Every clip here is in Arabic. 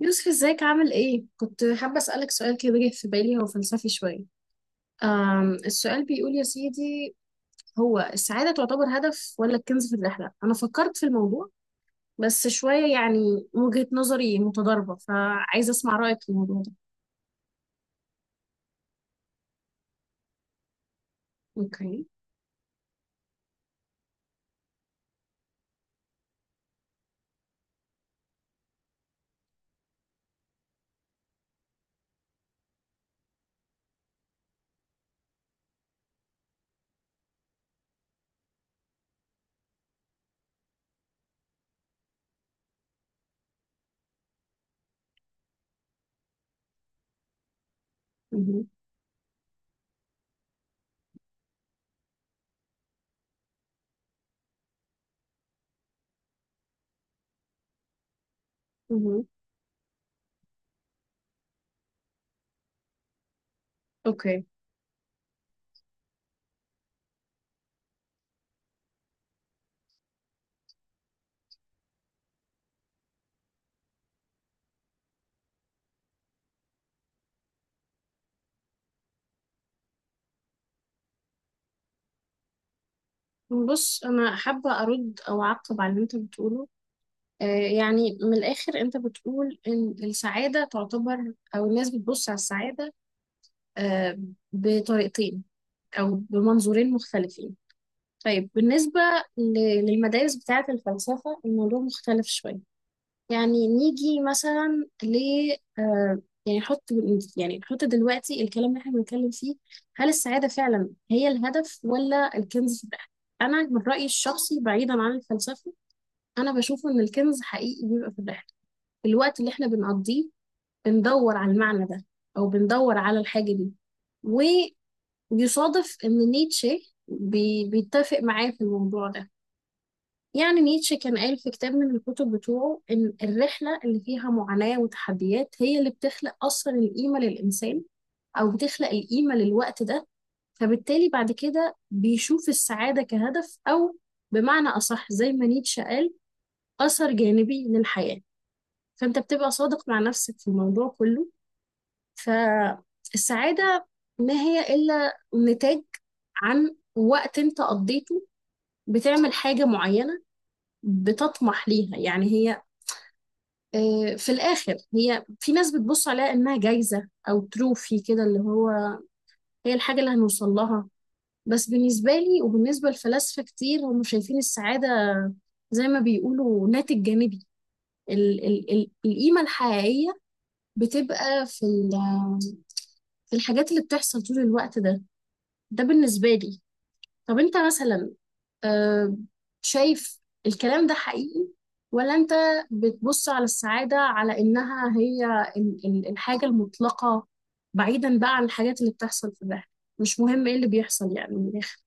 يوسف، ازيك عامل ايه؟ كنت حابة أسألك سؤال كده جه في بالي، هو فلسفي شوية. السؤال بيقول يا سيدي: هو السعادة تعتبر هدف ولا الكنز في الرحلة؟ أنا فكرت في الموضوع بس شوية، يعني وجهة نظري متضاربة، فعايزة أسمع رأيك في الموضوع ده. اوكي. مهم. مهم. اوكي. بص، أنا حابة أرد أو أعقب على اللي أنت بتقوله. آه، يعني من الآخر أنت بتقول إن السعادة تعتبر، أو الناس بتبص على السعادة آه، بطريقتين أو بمنظورين مختلفين. طيب، بالنسبة للمدارس بتاعة الفلسفة الموضوع مختلف شوية. يعني نيجي مثلا ل آه، يعني نحط يعني نحط دلوقتي الكلام اللي احنا بنتكلم فيه: هل السعادة فعلا هي الهدف ولا الكنز في الرحلة؟ أنا من رأيي الشخصي، بعيدا عن الفلسفة، أنا بشوف إن الكنز حقيقي بيبقى في الرحلة، في الوقت اللي احنا بنقضيه بندور على المعنى ده، أو بندور على الحاجة دي. يصادف إن نيتشه بيتفق معاه في الموضوع ده. يعني نيتشه كان قال في كتاب من الكتب بتوعه إن الرحلة اللي فيها معاناة وتحديات هي اللي بتخلق أصلا القيمة للإنسان، أو بتخلق القيمة للوقت ده. فبالتالي بعد كده بيشوف السعادة كهدف، أو بمعنى أصح زي ما نيتشه قال، أثر جانبي للحياة. فأنت بتبقى صادق مع نفسك في الموضوع كله. فالسعادة ما هي إلا نتاج عن وقت انت قضيته، بتعمل حاجة معينة بتطمح ليها. يعني هي، في الآخر، هي في ناس بتبص عليها إنها جايزة أو تروفي كده، اللي هو هي الحاجة اللي هنوصل لها. بس بالنسبة لي وبالنسبة لفلاسفة كتير، هم شايفين السعادة زي ما بيقولوا ناتج جانبي. ال القيمة الحقيقية بتبقى في الحاجات اللي بتحصل طول الوقت ده. ده بالنسبة لي. طب أنت مثلا، أه شايف الكلام ده حقيقي، ولا انت بتبص على السعادة على انها هي الحاجة المطلقة، بعيدا بقى عن الحاجات اللي بتحصل في الرحلة؟ مش مهم ايه اللي بيحصل، يعني من الاخر.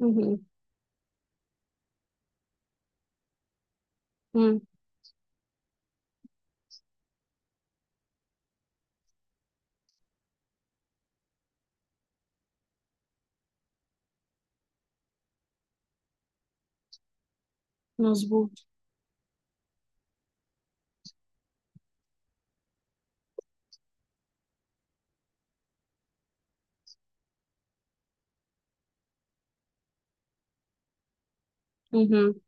مهم. مم. مظبوط. مهم.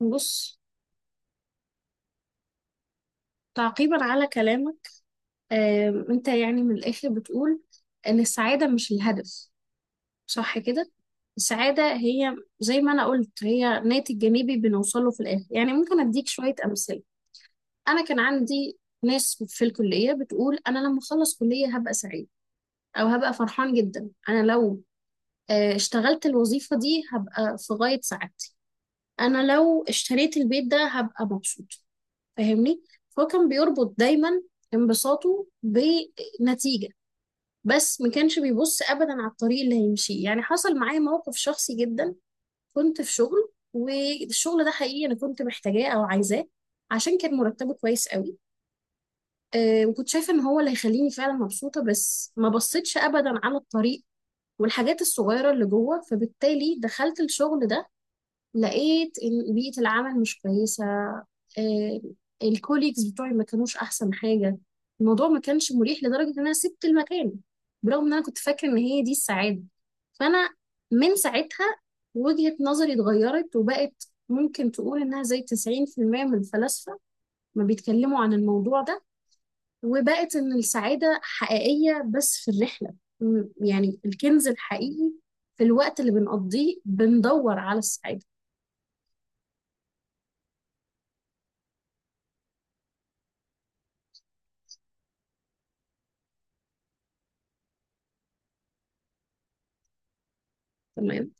بص، تعقيبا على كلامك، انت يعني من الاخر بتقول ان السعادة مش الهدف، صح كده؟ السعادة هي زي ما انا قلت، هي ناتج جانبي بنوصله في الاخر. يعني ممكن اديك شوية امثلة: انا كان عندي ناس في الكليه بتقول انا لما اخلص كليه هبقى سعيد، او هبقى فرحان جدا، انا لو اشتغلت الوظيفه دي هبقى في غايه سعادتي، انا لو اشتريت البيت ده هبقى مبسوط. فاهمني؟ فهو كان بيربط دايما انبساطه بنتيجه، بس ما كانش بيبص ابدا على الطريق اللي هيمشيه. يعني حصل معايا موقف شخصي جدا: كنت في شغل، والشغل ده حقيقي انا كنت محتاجاه او عايزاه عشان كان مرتبه كويس قوي، وكنت شايفة ان هو اللي هيخليني فعلا مبسوطة، بس ما بصيتش ابدا على الطريق والحاجات الصغيرة اللي جوه. فبالتالي دخلت الشغل ده، لقيت ان بيئة العمل مش كويسة، آه، الكوليكس بتوعي ما كانوش احسن حاجة، الموضوع ما كانش مريح لدرجة ان انا سبت المكان، برغم ان انا كنت فاكرة ان هي دي السعادة. فانا من ساعتها وجهة نظري اتغيرت، وبقت ممكن تقول انها زي 90% من الفلاسفة ما بيتكلموا عن الموضوع ده، وبقت إن السعادة حقيقية بس في الرحلة، يعني الكنز الحقيقي في الوقت اللي بنقضيه بندور على السعادة. تمام.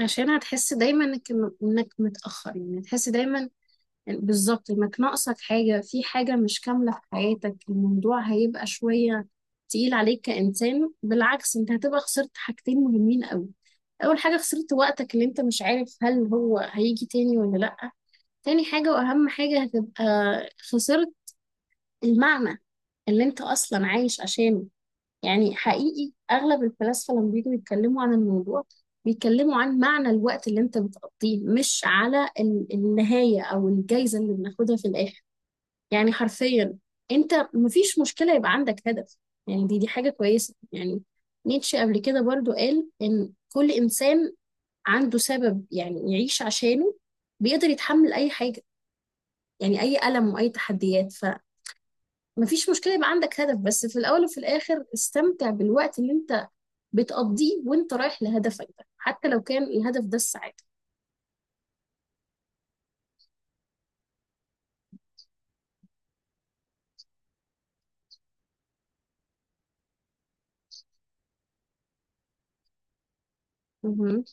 عشان هتحس دايما انك متأخر، يعني هتحس دايما بالظبط انك ناقصك حاجة، في حاجة مش كاملة في حياتك، الموضوع هيبقى شوية تقيل عليك كإنسان. بالعكس، انت هتبقى خسرت حاجتين مهمين قوي: اول حاجة خسرت وقتك اللي انت مش عارف هل هو هيجي تاني ولا لأ، تاني حاجة وأهم حاجة هتبقى خسرت المعنى اللي انت اصلا عايش عشانه. يعني حقيقي اغلب الفلاسفه لما بييجوا يتكلموا عن الموضوع بيتكلموا عن معنى الوقت اللي انت بتقضيه، مش على النهايه او الجايزه اللي بناخدها في الاخر. يعني حرفيا، انت مفيش مشكله يبقى عندك هدف، يعني دي حاجه كويسه. يعني نيتشه قبل كده برضو قال ان كل انسان عنده سبب يعني يعيش عشانه بيقدر يتحمل اي حاجه، يعني اي الم واي تحديات. مفيش مشكلة يبقى عندك هدف، بس في الأول وفي الآخر استمتع بالوقت اللي أنت بتقضيه وأنت رايح لهدفك ده، حتى لو كان الهدف ده السعادة. مهم.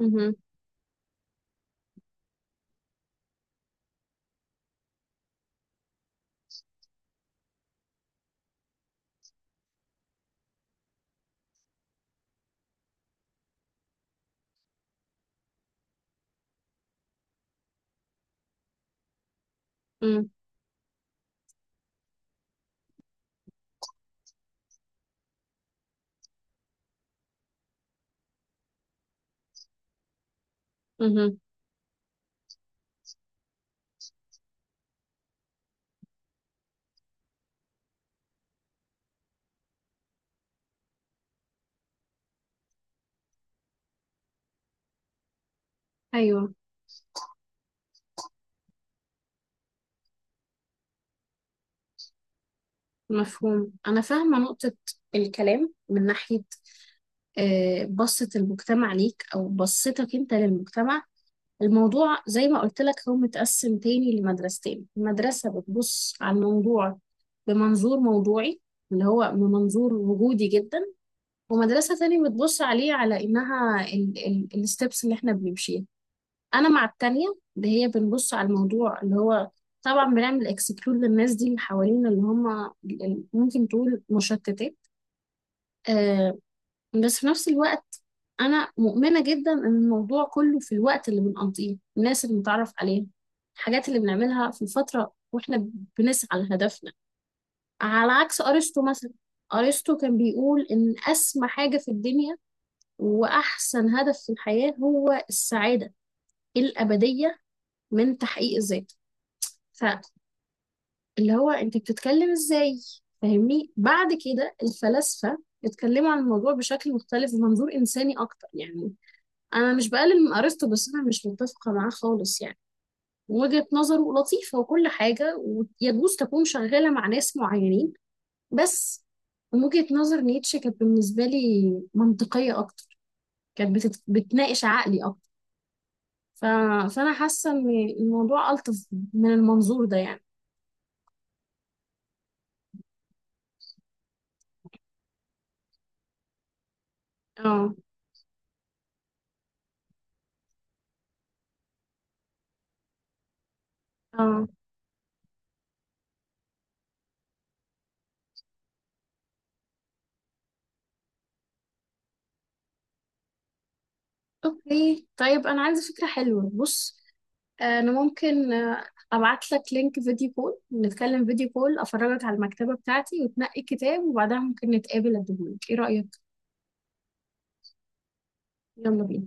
مهم. مم. مهم. أيوه. مفهوم. أنا فاهمة نقطة الكلام، من ناحية بصة المجتمع ليك أو بصتك أنت للمجتمع. الموضوع زي ما قلت لك هو متقسم تاني لمدرستين: المدرسة بتبص على الموضوع بمنظور موضوعي، اللي هو من منظور وجودي جدا، ومدرسة تانية بتبص عليه على إنها ال الستبس اللي إحنا بنمشيها. أنا مع التانية، اللي هي بنبص على الموضوع اللي هو، طبعا بنعمل اكسكلود للناس دي اللي حوالينا، اللي هم ممكن تقول مشتتات. آه بس في نفس الوقت، أنا مؤمنة جدا إن الموضوع كله في الوقت اللي بنقضيه، الناس اللي بنتعرف عليها، الحاجات اللي بنعملها في الفترة وإحنا بنسعى لهدفنا. على عكس أرسطو مثلا، أرسطو كان بيقول إن أسمى حاجة في الدنيا وأحسن هدف في الحياة هو السعادة الأبدية من تحقيق الذات، فاللي هو أنت بتتكلم إزاي. فاهمني؟ بعد كده الفلاسفة اتكلموا عن الموضوع بشكل مختلف ومنظور إنساني أكتر. يعني أنا مش بقلل من أرسطو، بس أنا مش متفقة معاه خالص. يعني وجهة نظره لطيفة وكل حاجة، ويجوز تكون شغالة مع ناس معينين، بس من وجهة نظر نيتشه كانت بالنسبة لي منطقية أكتر، كانت بتناقش عقلي أكتر. ف... فانا حاسه ان الموضوع الطف من المنظور ده يعني. اه. اه. اوكي، طيب انا عندي فكره حلوه، بص: انا ممكن ابعت لك لينك فيديو كول، نتكلم فيديو كول، افرجك على المكتبه بتاعتي وتنقي كتاب، وبعدها ممكن نتقابل اديهولك. ايه رايك؟ يلا بينا.